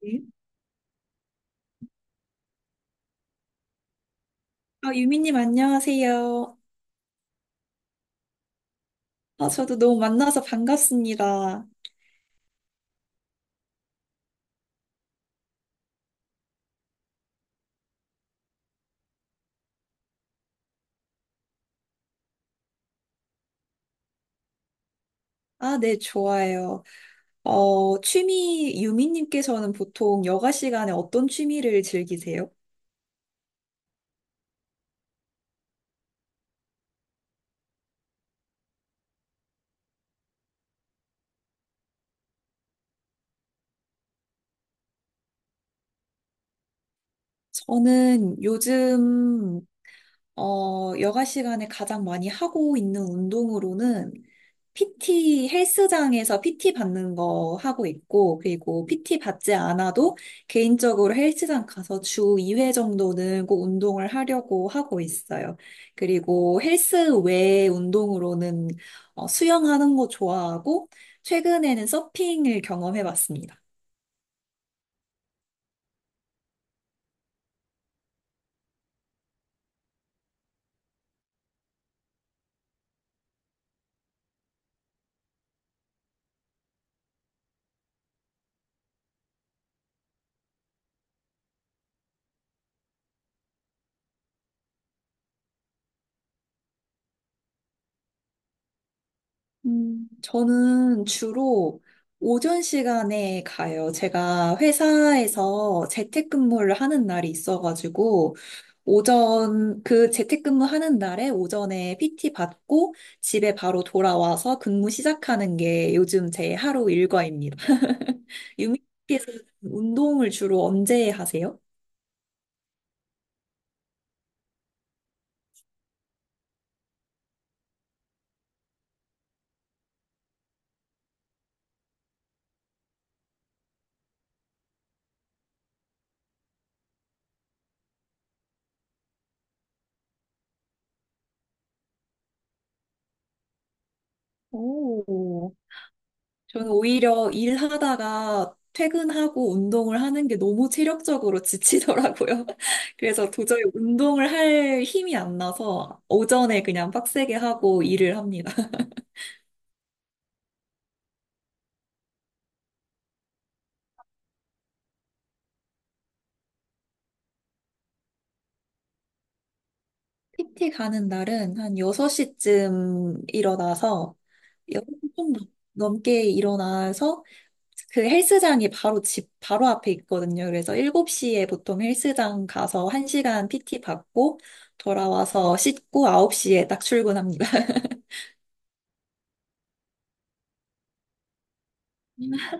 네. 아, 유미님, 안녕하세요. 아, 저도 너무 만나서 반갑습니다. 아, 네, 좋아요. 취미, 유미님께서는 보통 여가 시간에 어떤 취미를 즐기세요? 저는 요즘 여가 시간에 가장 많이 하고 있는 운동으로는 PT 헬스장에서 PT 받는 거 하고 있고, 그리고 PT 받지 않아도 개인적으로 헬스장 가서 주 2회 정도는 꼭 운동을 하려고 하고 있어요. 그리고 헬스 외 운동으로는 수영하는 거 좋아하고, 최근에는 서핑을 경험해 봤습니다. 저는 주로 오전 시간에 가요. 제가 회사에서 재택근무를 하는 날이 있어가지고, 오전, 그 재택근무 하는 날에 오전에 PT 받고 집에 바로 돌아와서 근무 시작하는 게 요즘 제 하루 일과입니다. 유미씨에서 운동을 주로 언제 하세요? 오. 저는 오히려 일하다가 퇴근하고 운동을 하는 게 너무 체력적으로 지치더라고요. 그래서 도저히 운동을 할 힘이 안 나서 오전에 그냥 빡세게 하고 일을 합니다. PT 가는 날은 한 6시쯤 일어나서 넘게 일어나서 그 헬스장이 바로 집 바로 앞에 있거든요. 그래서 7시에 보통 헬스장 가서 1시간 PT 받고 돌아와서 씻고 9시에 딱 출근합니다.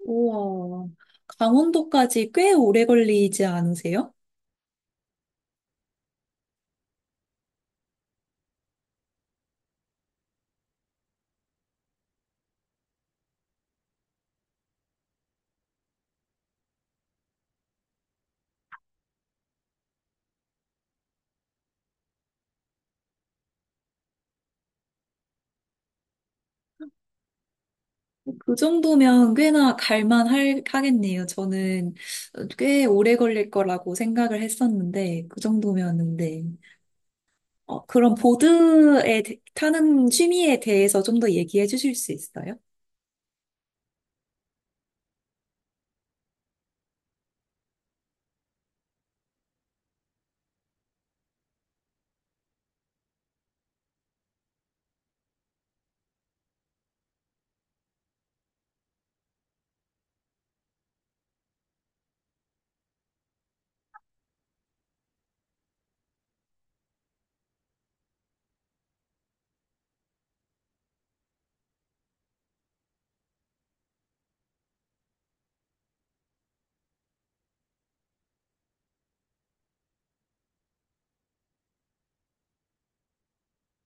우와. 강원도까지 꽤 오래 걸리지 않으세요? 그 정도면 하겠네요. 저는 꽤 오래 걸릴 거라고 생각을 했었는데, 그 정도면은, 네. 그럼 타는 취미에 대해서 좀 더 얘기해 주실 수 있어요?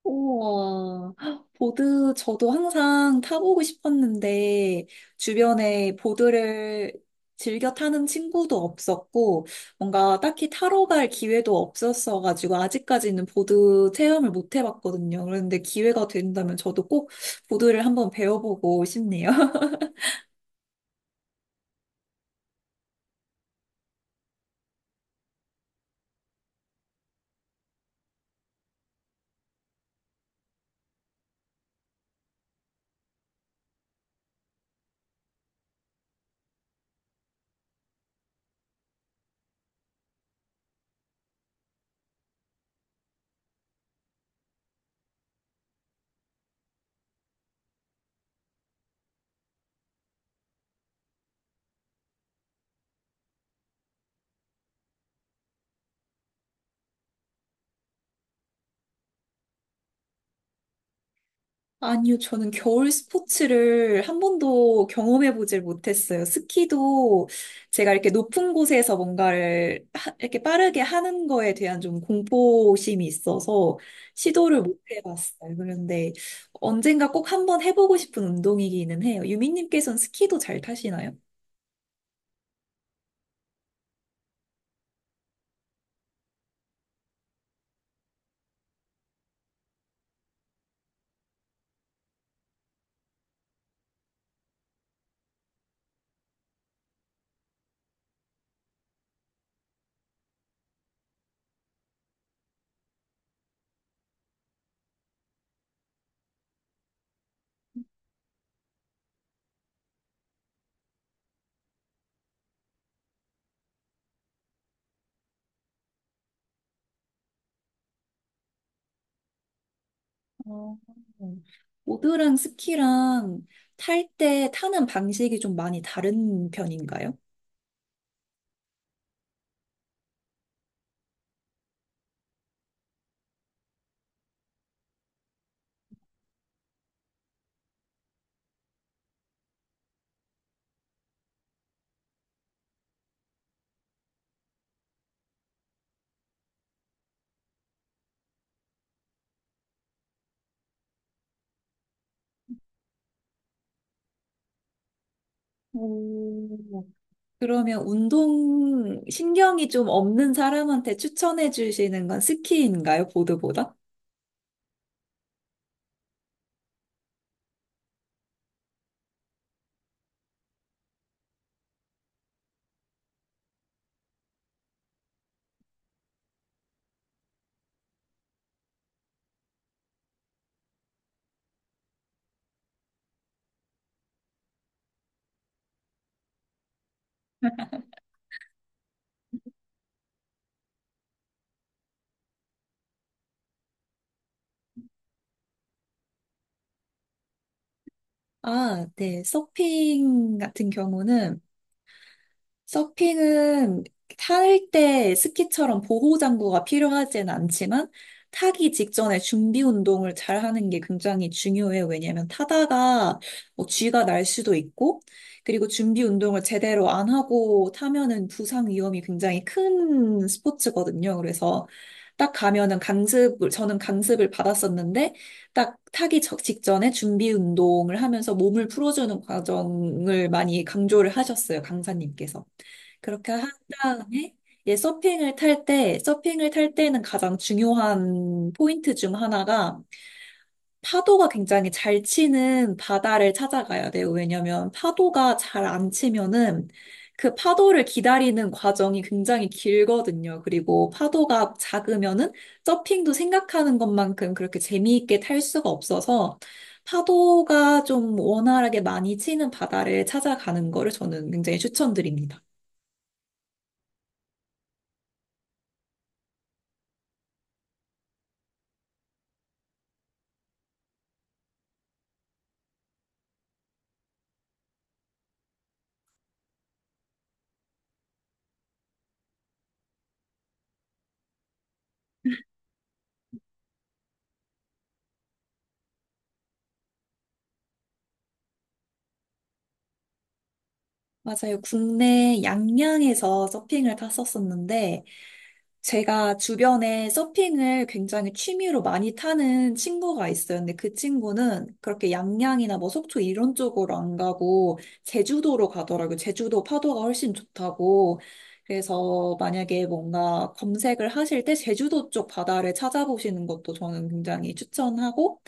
우와, 보드 저도 항상 타보고 싶었는데 주변에 보드를 즐겨 타는 친구도 없었고 뭔가 딱히 타러 갈 기회도 없었어가지고 아직까지는 보드 체험을 못 해봤거든요. 그런데 기회가 된다면 저도 꼭 보드를 한번 배워보고 싶네요. 아니요, 저는 겨울 스포츠를 한 번도 경험해보질 못했어요. 스키도 제가 이렇게 높은 곳에서 이렇게 빠르게 하는 거에 대한 좀 공포심이 있어서 시도를 못 해봤어요. 그런데 언젠가 꼭 한 번 해보고 싶은 운동이기는 해요. 유민님께서는 스키도 잘 타시나요? 어, 보드랑 스키랑 탈 때 타는 방식이 좀 많이 다른 편인가요? 오, 그러면 운동 신경이 좀 없는 사람한테 추천해 주시는 건 스키인가요? 보드보다? 아, 네. 서핑 같은 경우는 서핑은 탈 때 스키처럼 보호장구가 필요하진 않지만 타기 직전에 준비 운동을 잘 하는 게 굉장히 중요해요. 왜냐하면 타다가 뭐 쥐가 날 수도 있고, 그리고 준비 운동을 제대로 안 하고 타면은 부상 위험이 굉장히 큰 스포츠거든요. 그래서 딱 가면은 강습을, 저는 강습을 받았었는데, 딱 직전에 준비 운동을 하면서 몸을 풀어주는 과정을 많이 강조를 하셨어요, 강사님께서. 그렇게 한 다음에 예, 서핑을 탈 때는 가장 중요한 포인트 중 하나가 파도가 굉장히 잘 치는 바다를 찾아가야 돼요. 왜냐면 파도가 잘 안 치면은 그 파도를 기다리는 과정이 굉장히 길거든요. 그리고 파도가 작으면은 서핑도 생각하는 것만큼 그렇게 재미있게 탈 수가 없어서 파도가 좀 원활하게 많이 치는 바다를 찾아가는 거를 저는 굉장히 추천드립니다. 맞아요. 국내 양양에서 서핑을 탔었었는데, 제가 주변에 서핑을 굉장히 취미로 많이 타는 친구가 있어요. 근데 그 친구는 그렇게 양양이나 뭐 속초 이런 쪽으로 안 가고, 제주도로 가더라고요. 제주도 파도가 훨씬 좋다고. 그래서 만약에 뭔가 검색을 하실 때 제주도 쪽 바다를 찾아보시는 것도 저는 굉장히 추천하고,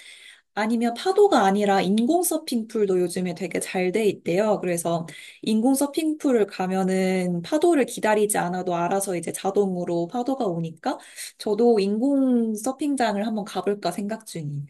아니면 파도가 아니라 인공 서핑풀도 요즘에 되게 잘 돼 있대요. 그래서 인공 서핑풀을 가면은 파도를 기다리지 않아도 알아서 이제 자동으로 파도가 오니까 저도 인공 서핑장을 한번 가볼까 생각 중이에요.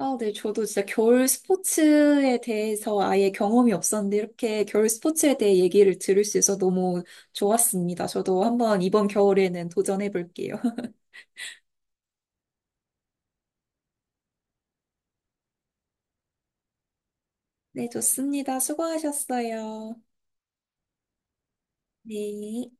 아, 네. 저도 진짜 겨울 스포츠에 대해서 아예 경험이 없었는데 이렇게 겨울 스포츠에 대해 얘기를 들을 수 있어서 너무 좋았습니다. 저도 한번 이번 겨울에는 도전해 볼게요. 네, 좋습니다. 수고하셨어요. 네.